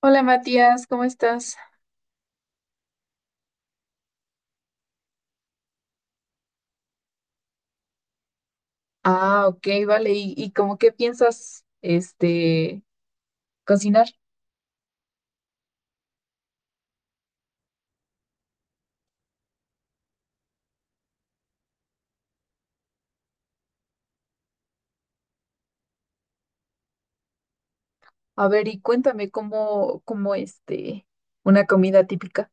Hola Matías, ¿cómo estás? Ah, ok, vale. ¿Y, cómo qué piensas, cocinar? A ver, y cuéntame cómo una comida típica.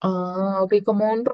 Ah, ok, como un...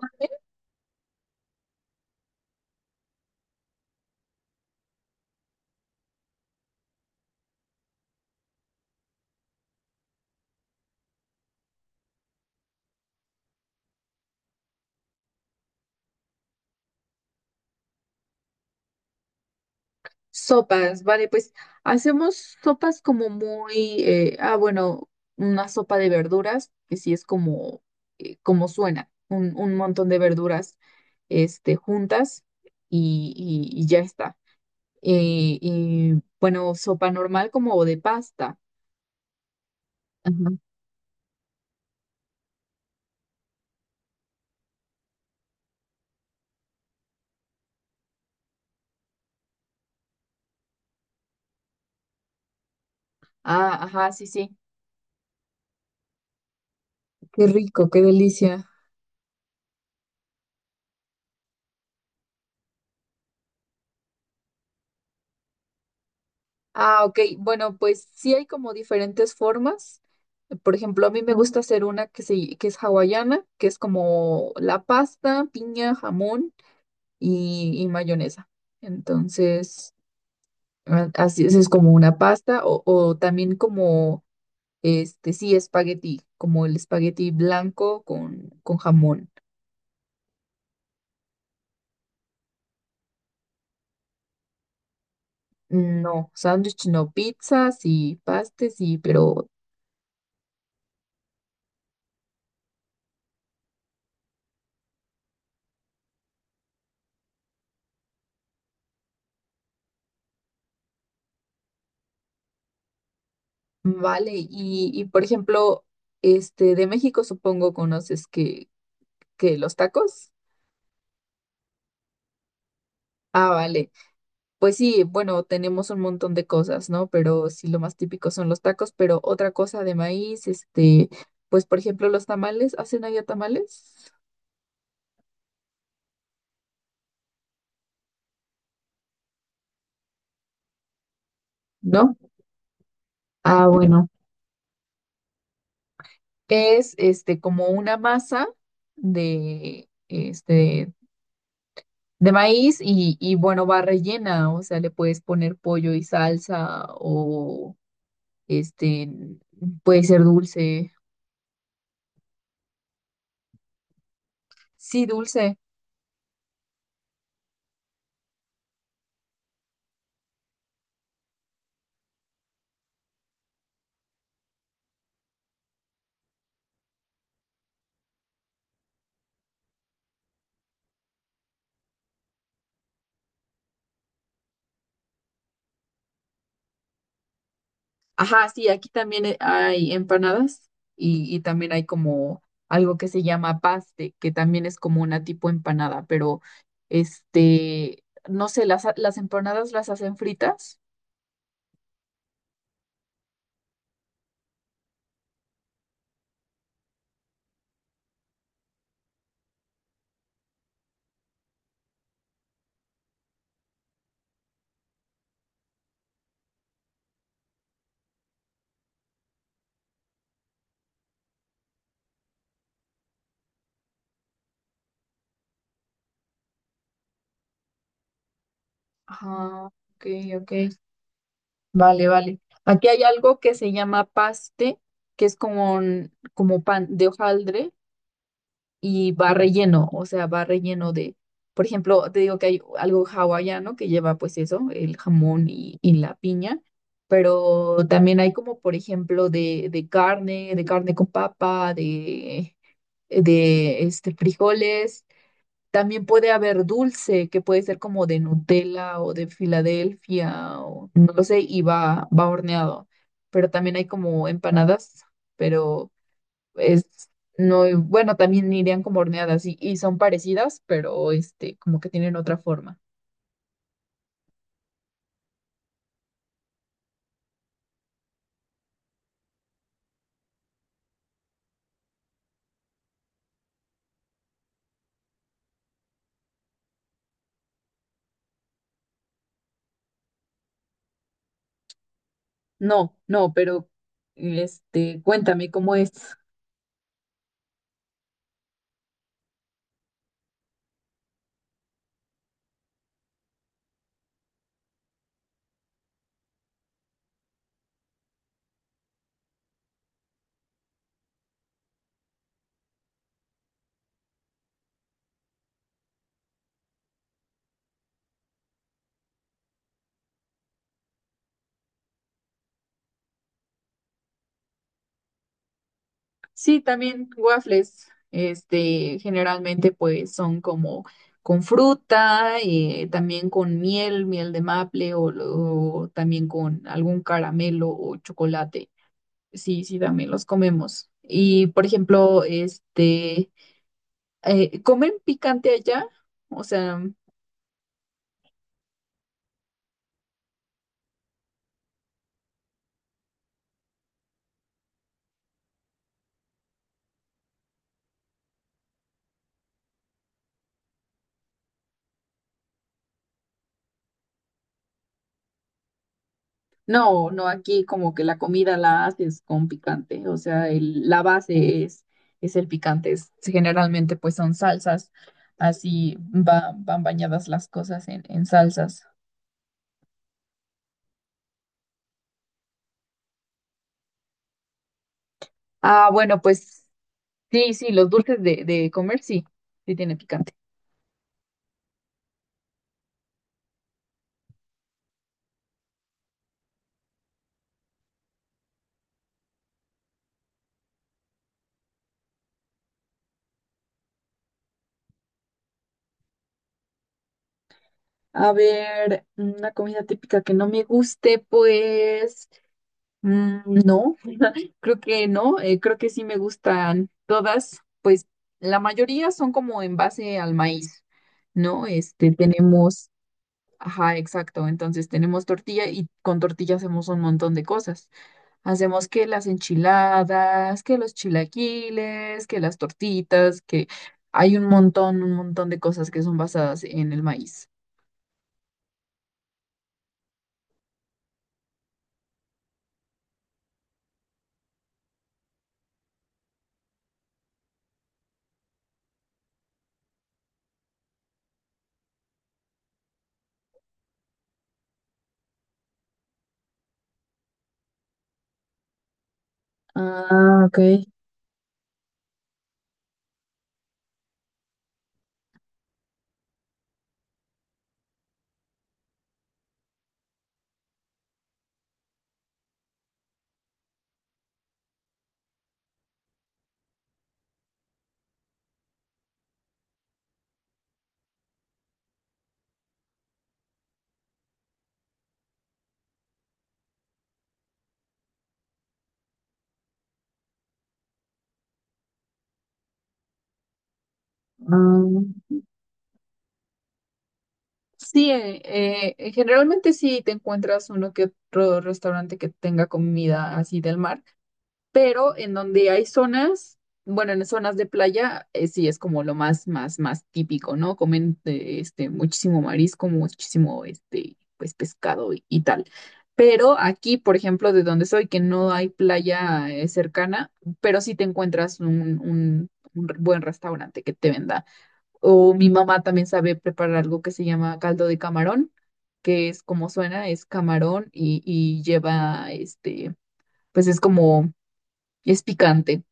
Sopas, vale, pues hacemos sopas como muy, bueno, una sopa de verduras, que sí es como, como suena, un montón de verduras, juntas y, y ya está. Bueno, sopa normal como de pasta. Ajá. Ah, ajá, sí, sí. Qué rico, qué delicia. Ah, ok. Bueno, pues sí hay como diferentes formas. Por ejemplo, a mí me gusta hacer una que es hawaiana, que es como la pasta, piña, jamón y mayonesa. Entonces, así es como una pasta o también como, sí, espagueti, como el espagueti blanco con jamón. No, sándwich no, pizzas y pastes y pero vale. Y por ejemplo, este de México supongo conoces que los tacos. Ah, vale. Pues sí, bueno, tenemos un montón de cosas, ¿no? Pero sí, lo más típico son los tacos, pero otra cosa de maíz, pues por ejemplo, los tamales, ¿hacen allá tamales? ¿No? Ah, bueno. Es este como una masa de de maíz y bueno, va rellena, o sea, le puedes poner pollo y salsa o este, puede ser dulce. Sí, dulce. Ajá, sí, aquí también hay empanadas y también hay como algo que se llama paste, que también es como una tipo empanada, pero este, no sé, las empanadas las hacen fritas. Ajá, ok, ok. Vale, vale. Aquí hay algo que se llama paste, que es como, como pan de hojaldre y va relleno, o sea, va relleno de, por ejemplo, te digo que hay algo hawaiano que lleva pues eso, el jamón y la piña, pero también hay como, por ejemplo, de carne con papa, de, frijoles. También puede haber dulce, que puede ser como de Nutella o de Filadelfia, o no lo sé, y va, va horneado. Pero también hay como empanadas, pero es, no, bueno, también irían como horneadas y son parecidas, pero como que tienen otra forma. No, no, pero cuéntame cómo es. Sí, también waffles, generalmente pues son como con fruta, también con miel, miel de maple o, o también con algún caramelo o chocolate. Sí, sí, también los comemos. Y por ejemplo, ¿comen picante allá? O sea, no, no, aquí como que la comida la haces con picante, o sea, la base es el picante, generalmente pues son salsas, van bañadas las cosas en salsas. Ah, bueno, pues sí, sí, los dulces de comer sí, sí tiene picante. A ver, una comida típica que no me guste, pues mm, no. Creo que no, creo que sí me gustan todas, pues la mayoría son como en base al maíz, ¿no? Este, tenemos, ajá, exacto, entonces tenemos tortilla y con tortilla hacemos un montón de cosas. Hacemos que las enchiladas, que los chilaquiles, que las tortitas, que hay un montón de cosas que son basadas en el maíz. Ah, ok. Ah, sí, generalmente sí te encuentras uno que otro restaurante que tenga comida así del mar, pero en donde hay zonas, bueno, en zonas de playa, sí es como lo más, más típico, ¿no? Comen muchísimo marisco, muchísimo pues pescado y tal. Pero aquí, por ejemplo, de donde soy, que no hay playa cercana, pero sí te encuentras un un buen restaurante que te venda o mi mamá también sabe preparar algo que se llama caldo de camarón, que es como suena, es camarón y lleva, pues es como, es picante,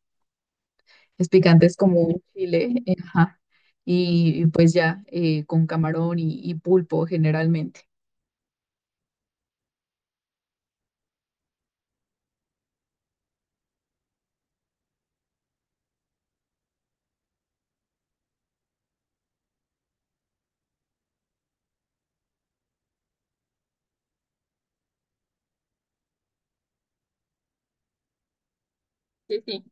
es picante, es como un chile, ajá, y pues ya, con camarón y pulpo generalmente. Sí, sí,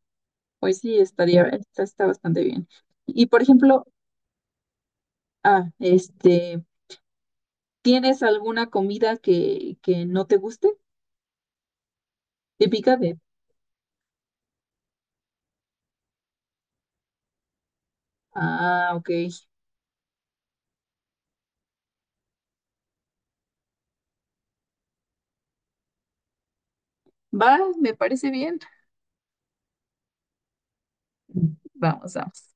pues sí, está bastante bien. Y por ejemplo, ah, este, ¿tienes alguna comida que no te guste? Típica de, ah, ok, va, me parece bien. Vamos, vamos.